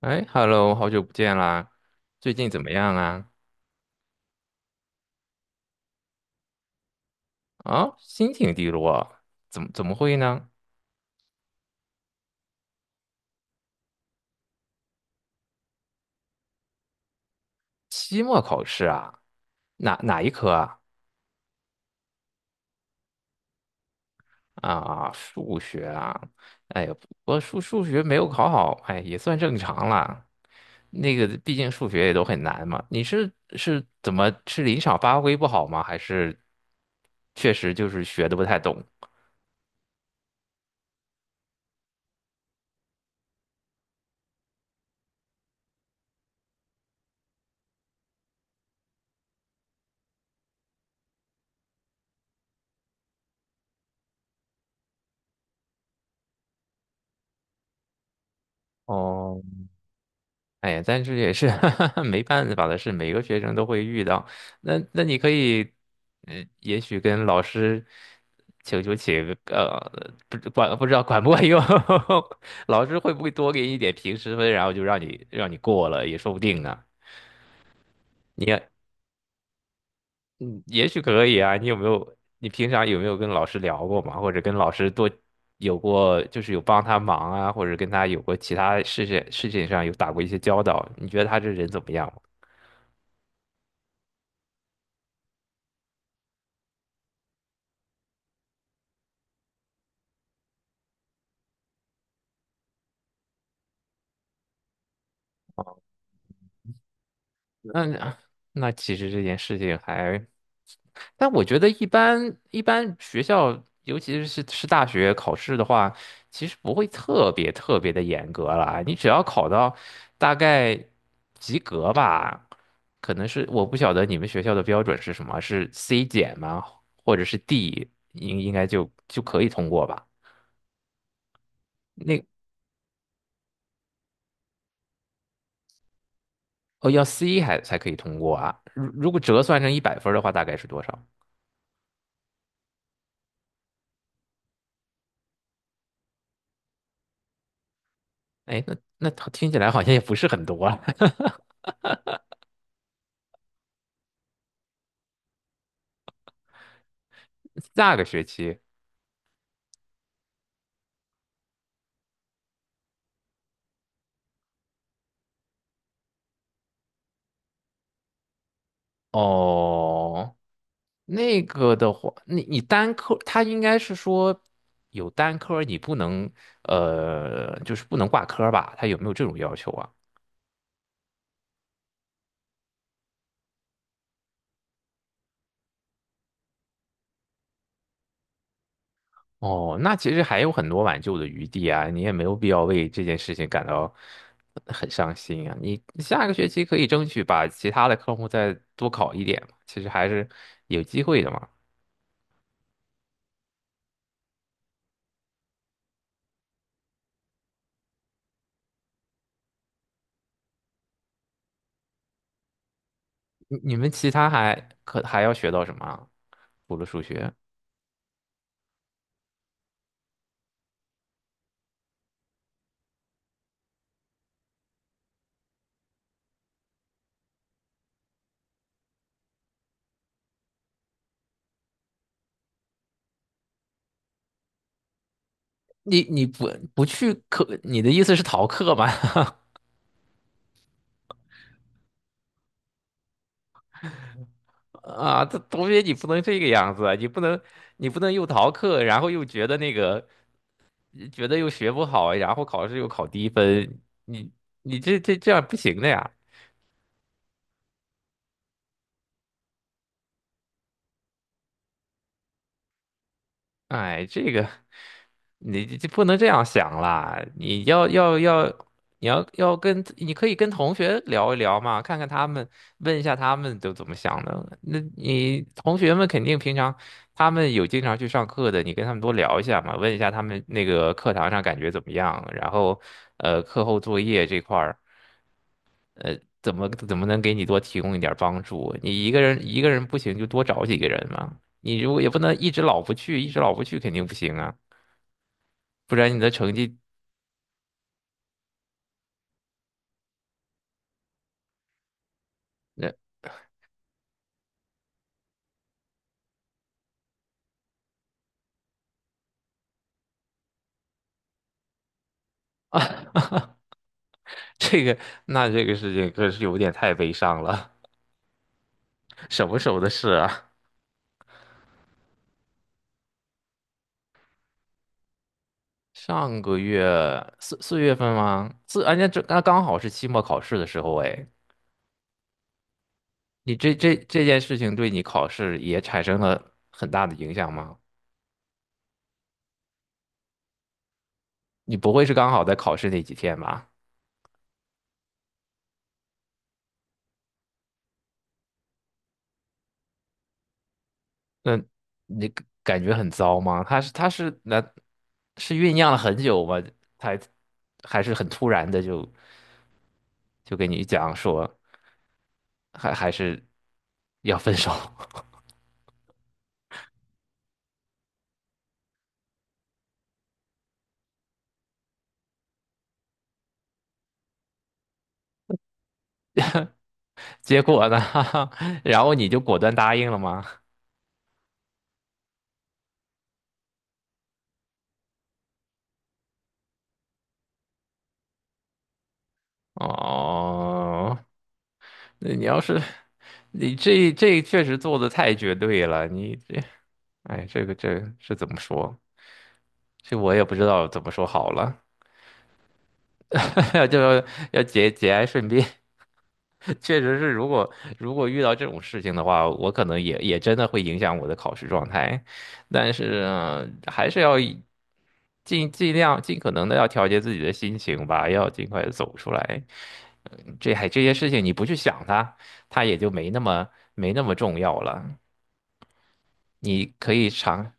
哎，Hello，好久不见啦！最近怎么样啊？啊，心情低落啊，怎么会呢？期末考试啊，哪一科啊？啊，数学啊，哎呀，我数学没有考好，哎，也算正常啦。那个，毕竟数学也都很难嘛。你是是怎么是临场发挥不好吗？还是确实就是学的不太懂？哦。哎呀，但是也是 没办法的事，每个学生都会遇到。那你可以，嗯，也许跟老师请个,不知道管不管用，老师会不会多给你一点平时分，然后就让你过了，也说不定呢。你也，嗯，也许可以啊。你有没有？你平常有没有跟老师聊过嘛？或者跟老师多有过，就是有帮他忙啊，或者跟他有过其他事情上有打过一些交道？你觉得他这人怎么样？那其实这件事情还，但我觉得一般学校，尤其是大学考试的话，其实不会特别的严格啦。你只要考到大概及格吧，可能是我不晓得你们学校的标准是什么，是 C 减吗？或者是 D，应该就可以通过吧？那哦要 C 还才可以通过啊。如果折算成一百分儿的话，大概是多少？哎，那听起来好像也不是很多啊。下个学期。哦，那个的话，你单科，他应该是说有单科，你不能呃，就是不能挂科吧？他有没有这种要求啊？哦，那其实还有很多挽救的余地啊，你也没有必要为这件事情感到很伤心啊。你下个学期可以争取把其他的科目再多考一点嘛，其实还是有机会的嘛。你们其他还要学到什么啊除了数学？你不去课，你的意思是逃课吗？啊，这同学你不能这个样子啊，你不能又逃课，然后又觉得那个觉得又学不好，然后考试又考低分，你你这样不行的呀。哎，这个你这不能这样想啦，你要要要，你要要跟你可以跟同学聊一聊嘛，看看他们，问一下他们都怎么想的。那你同学们肯定平常他们有经常去上课的，你跟他们多聊一下嘛，问一下他们那个课堂上感觉怎么样，然后呃课后作业这块儿怎么能给你多提供一点儿帮助？你一个人不行就多找几个人嘛，你如果也不能一直老不去，一直老不去肯定不行啊。不然你的成绩，那 这个那这个事情可是有点太悲伤了，什么时候的事啊？上个月四月份吗？四，而且这那刚好是期末考试的时候，哎，你这件事情对你考试也产生了很大的影响吗？你不会是刚好在考试那几天吧？那你感觉很糟吗？他是那是酝酿了很久吗？才还是很突然的就就跟你讲说还是要分手，结果呢，然后你就果断答应了吗？哦，那你要是你这确实做的太绝对了，你这哎这个这是怎么说？这我也不知道怎么说好了，就要要节哀顺变。确实是，如果遇到这种事情的话，我可能也真的会影响我的考试状态，但是呃还是要以尽量尽可能的要调节自己的心情吧，要尽快的走出来。这些事情你不去想它，它也就没那么重要了。你可以尝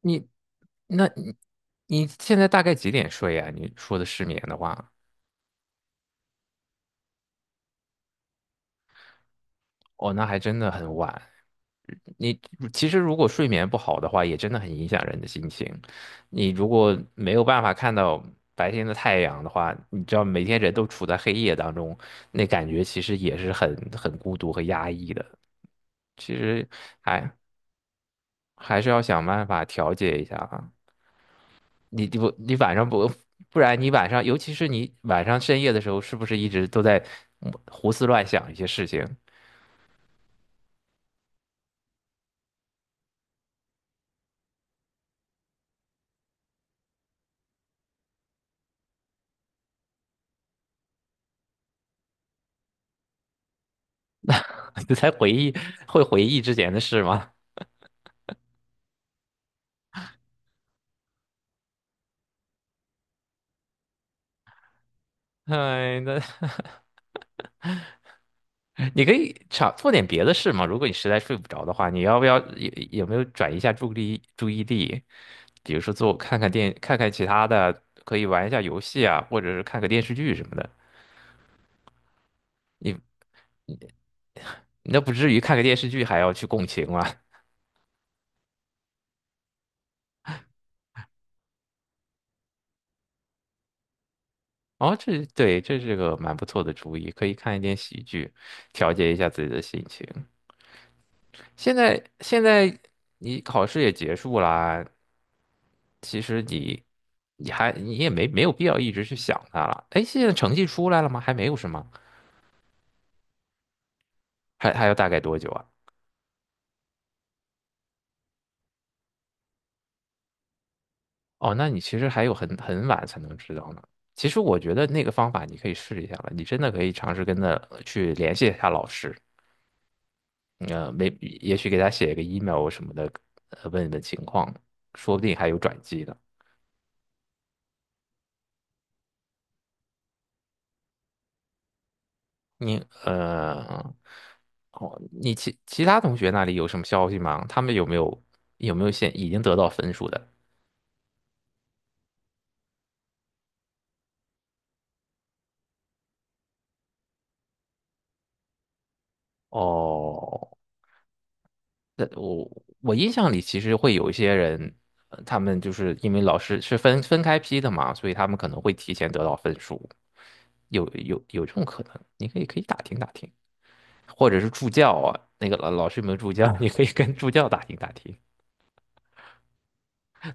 你，那你你现在大概几点睡啊？你说的失眠的话。哦，那还真的很晚。你其实如果睡眠不好的话，也真的很影响人的心情。你如果没有办法看到白天的太阳的话，你知道每天人都处在黑夜当中，那感觉其实也是很孤独和压抑的。其实还还是要想办法调节一下啊。你晚上不不然你晚上，尤其是你晚上深夜的时候，是不是一直都在胡思乱想一些事情？你在回忆会回忆之前的事吗？哎，那 你可以尝做点别的事嘛。如果你实在睡不着的话，你要不要有没有转移一下注意力？比如说做看看其他的，可以玩一下游戏啊，或者是看个电视剧什么的。你那不至于看个电视剧还要去共情嘛？哦，这对，这是个蛮不错的主意，可以看一点喜剧，调节一下自己的心情。现在你考试也结束啦，其实你你也没有必要一直去想它了。哎，现在成绩出来了吗？还没有是吗？还要大概多久啊？哦，那你其实还有很晚才能知道呢。其实我觉得那个方法你可以试一下了，你真的可以尝试跟他去联系一下老师，呃，没也许给他写一个 email 什么的，呃，问一问情况，说不定还有转机呢。你呃，哦，你其他同学那里有什么消息吗？他们有没有有没有现已经得到分数的？哦，那我我印象里其实会有一些人，呃他们就是因为老师是分开批的嘛，所以他们可能会提前得到分数，有这种可能，你可以打听打听，或者是助教啊，那个老师有没有助教，你可以跟助教打听打听，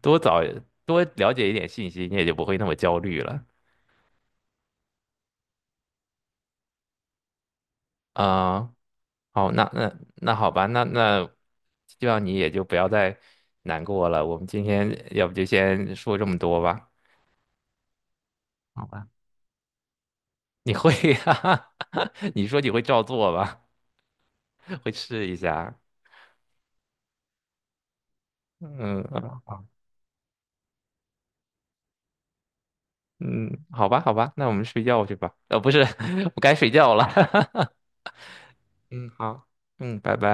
多找多了解一点信息，你也就不会那么焦虑了啊。好，那好吧,希望你也就不要再难过了。我们今天要不就先说这么多吧。好吧。你会呀、你说你会照做吧？会试一下。嗯啊嗯，好吧，那我们睡觉去吧。呃，不是，我该睡觉了。嗯，好，嗯，拜拜。